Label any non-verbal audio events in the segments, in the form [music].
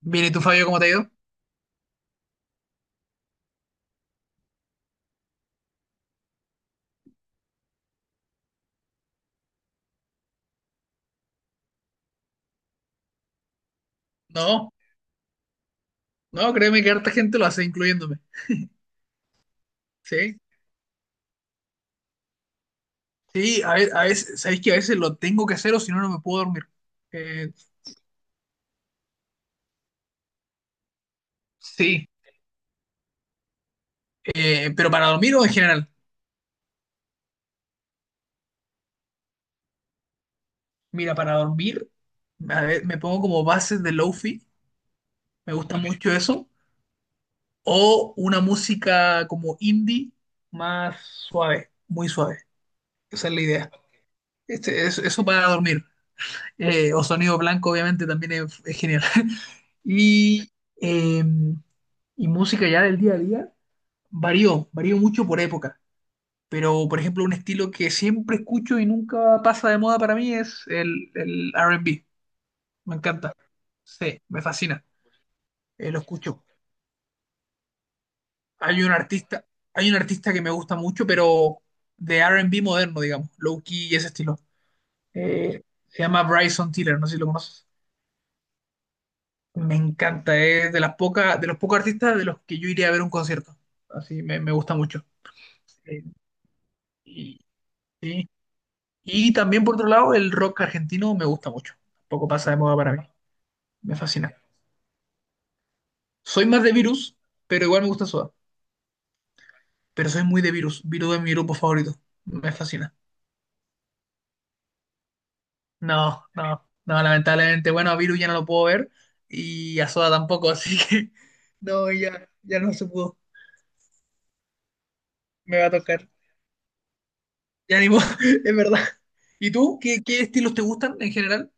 Bien, ¿y tú, Fabio, cómo te ha ido? No, no, créeme que harta gente lo hace, incluyéndome. Sí, sí, a veces, sabéis que a veces lo tengo que hacer o si no, no me puedo dormir. Eh, sí, pero para dormir o en general. Mira, para dormir, a ver, me pongo como bases de lofi, me gusta mucho eso, o una música como indie más suave, muy suave. Esa es la idea. Eso para dormir. O sonido blanco, obviamente, también es genial. [laughs] Y em, Y música ya del día a día varió mucho por época. Pero, por ejemplo, un estilo que siempre escucho y nunca pasa de moda para mí es el R&B. Me encanta. Sí, me fascina. Lo escucho. Hay un artista, hay un artista que me gusta mucho, pero de R&B moderno, digamos, low-key y ese estilo. Eh, se llama Bryson Tiller, no sé si lo conoces. Me encanta, es de las pocas, de los pocos artistas de los que yo iría a ver un concierto. Así me gusta mucho. Eh, y, sí. Y también, por otro lado, el rock argentino me gusta mucho. Poco pasa de moda para mí. Me fascina. Soy más de Virus, pero igual me gusta Soda. Pero soy muy de Virus. Virus es mi grupo favorito. Me fascina. No, no, no, lamentablemente. Bueno, a Virus ya no lo puedo ver y a Soda tampoco, así que [laughs] no, ya, ya no se pudo. Me va a tocar. Ya ni modo, [laughs] es verdad. ¿Y tú? ¿Qué, qué estilos te gustan en general?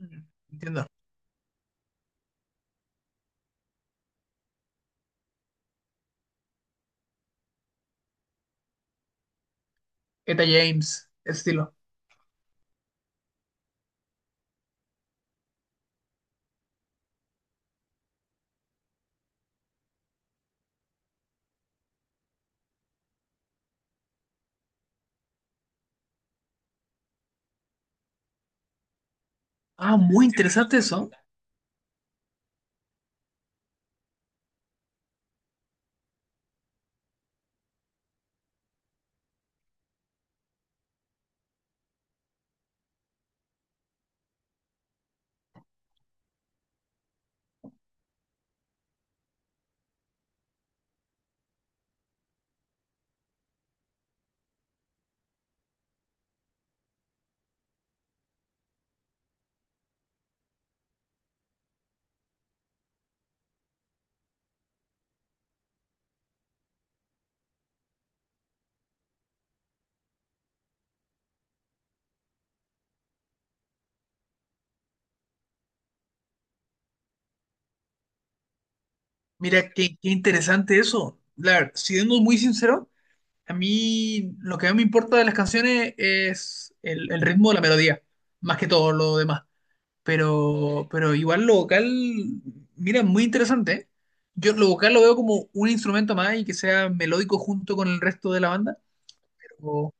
Mm, entiendo. Eta James, ese estilo. Ah, muy interesante eso. Mira, qué, qué interesante eso. Siendo muy sincero, a mí lo que a me importa de las canciones es el ritmo de la melodía, más que todo lo demás. Pero igual lo vocal, mira, muy interesante, ¿eh? Yo lo vocal lo veo como un instrumento más y que sea melódico junto con el resto de la banda. Pero,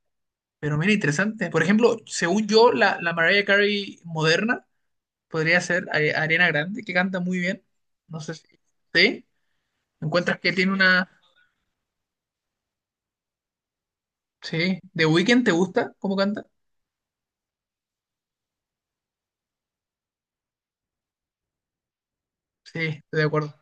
pero mira, interesante. Por ejemplo, según yo, la Mariah Carey moderna podría ser Ariana Grande, que canta muy bien. No sé si... ¿Sí? ¿Encuentras que tiene una... Sí, ¿The Weeknd te gusta cómo canta? Sí, estoy de acuerdo,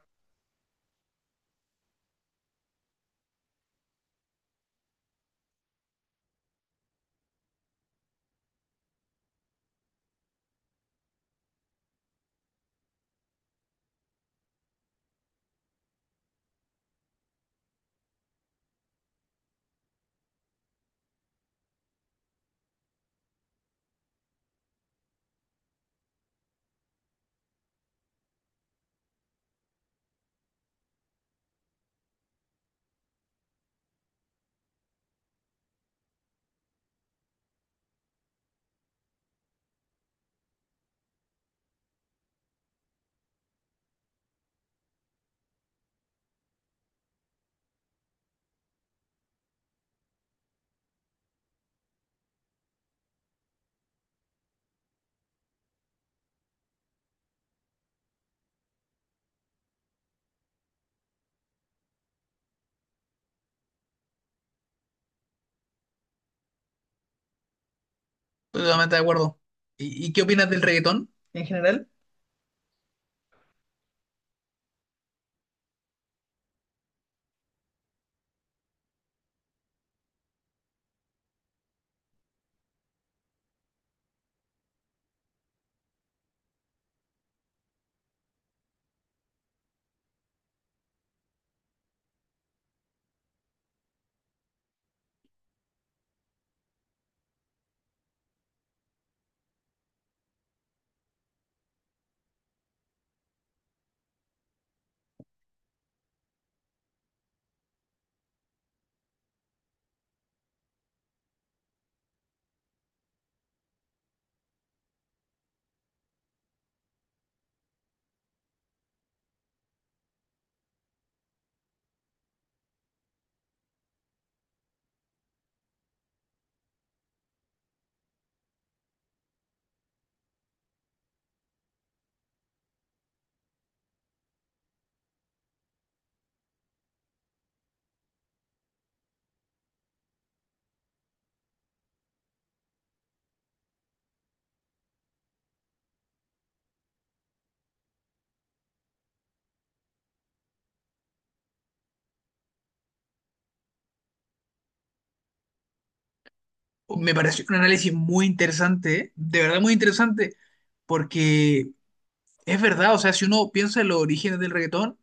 estoy totalmente de acuerdo. Y qué opinas del reggaetón en general? Oh, me pareció un análisis muy interesante, ¿eh? De verdad muy interesante, porque es verdad, o sea, si uno piensa en los orígenes del reggaetón,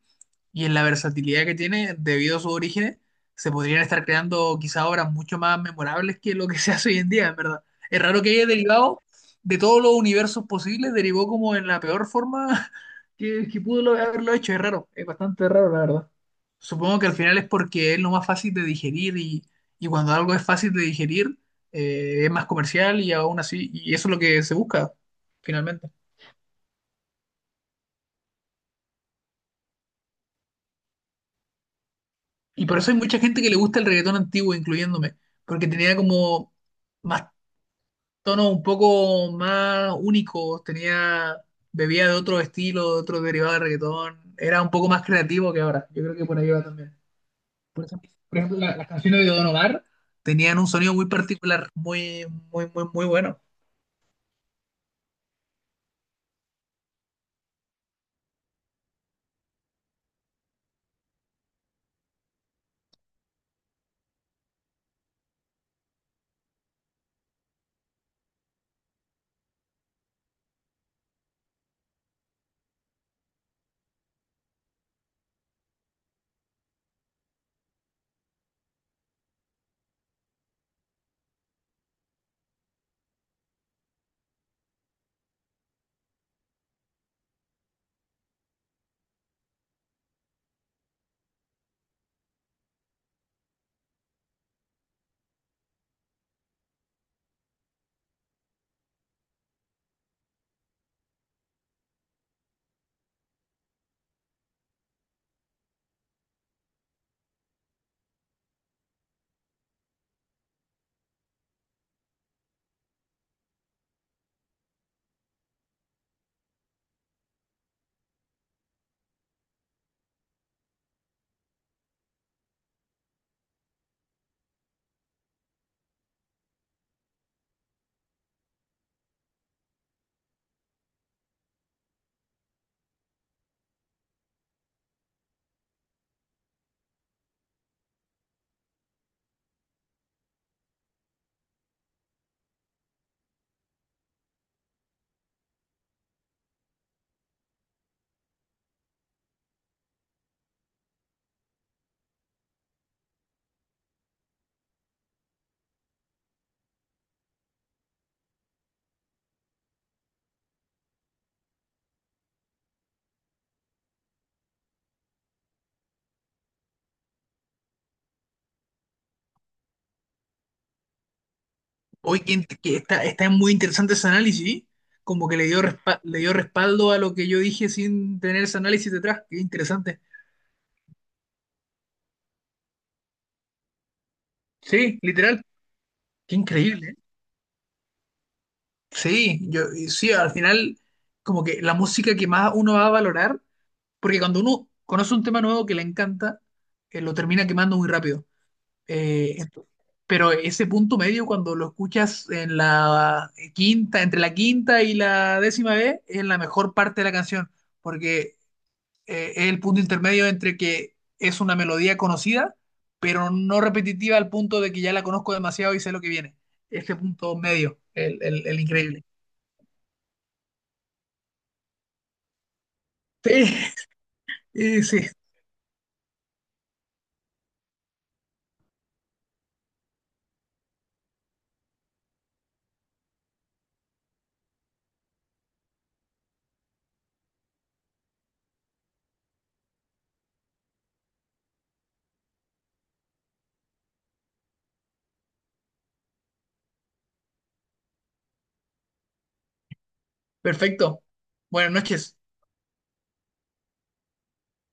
y en la versatilidad que tiene, debido a sus orígenes, se podrían estar creando quizá obras mucho más memorables que lo que [laughs] se hace hoy en día, en verdad. Es raro que haya derivado de todos los universos posibles, derivó como en la peor forma [laughs] que pudo haberlo hecho. Es raro, es bastante raro, la verdad. Supongo que al final es porque es lo más fácil de digerir y cuando algo es fácil de digerir, es más comercial y aún así, y eso es lo que se busca, finalmente. Y por eso hay mucha gente que le gusta el reggaetón antiguo, incluyéndome, porque tenía como más tonos un poco más únicos, tenía, bebía de otro estilo, de otro derivado de reggaetón, era un poco más creativo que ahora. Yo creo que por ahí va también. Por eso, por ejemplo, las canciones de Don Omar tenían un sonido muy particular, muy, muy, muy, muy bueno. Hoy está muy interesante ese análisis, como que le dio respaldo a lo que yo dije sin tener ese análisis detrás. Qué interesante. Sí, literal. Qué increíble, ¿eh? Sí, yo y sí, al final como que la música que más uno va a valorar, porque cuando uno conoce un tema nuevo que le encanta, lo termina quemando muy rápido. Eh, ent- pero ese punto medio cuando lo escuchas en la quinta, entre la quinta y la décima vez, es la mejor parte de la canción, porque es el punto intermedio entre que es una melodía conocida, pero no repetitiva al punto de que ya la conozco demasiado y sé lo que viene. Ese punto medio, el el increíble. Sí, y sí, perfecto. Buenas noches.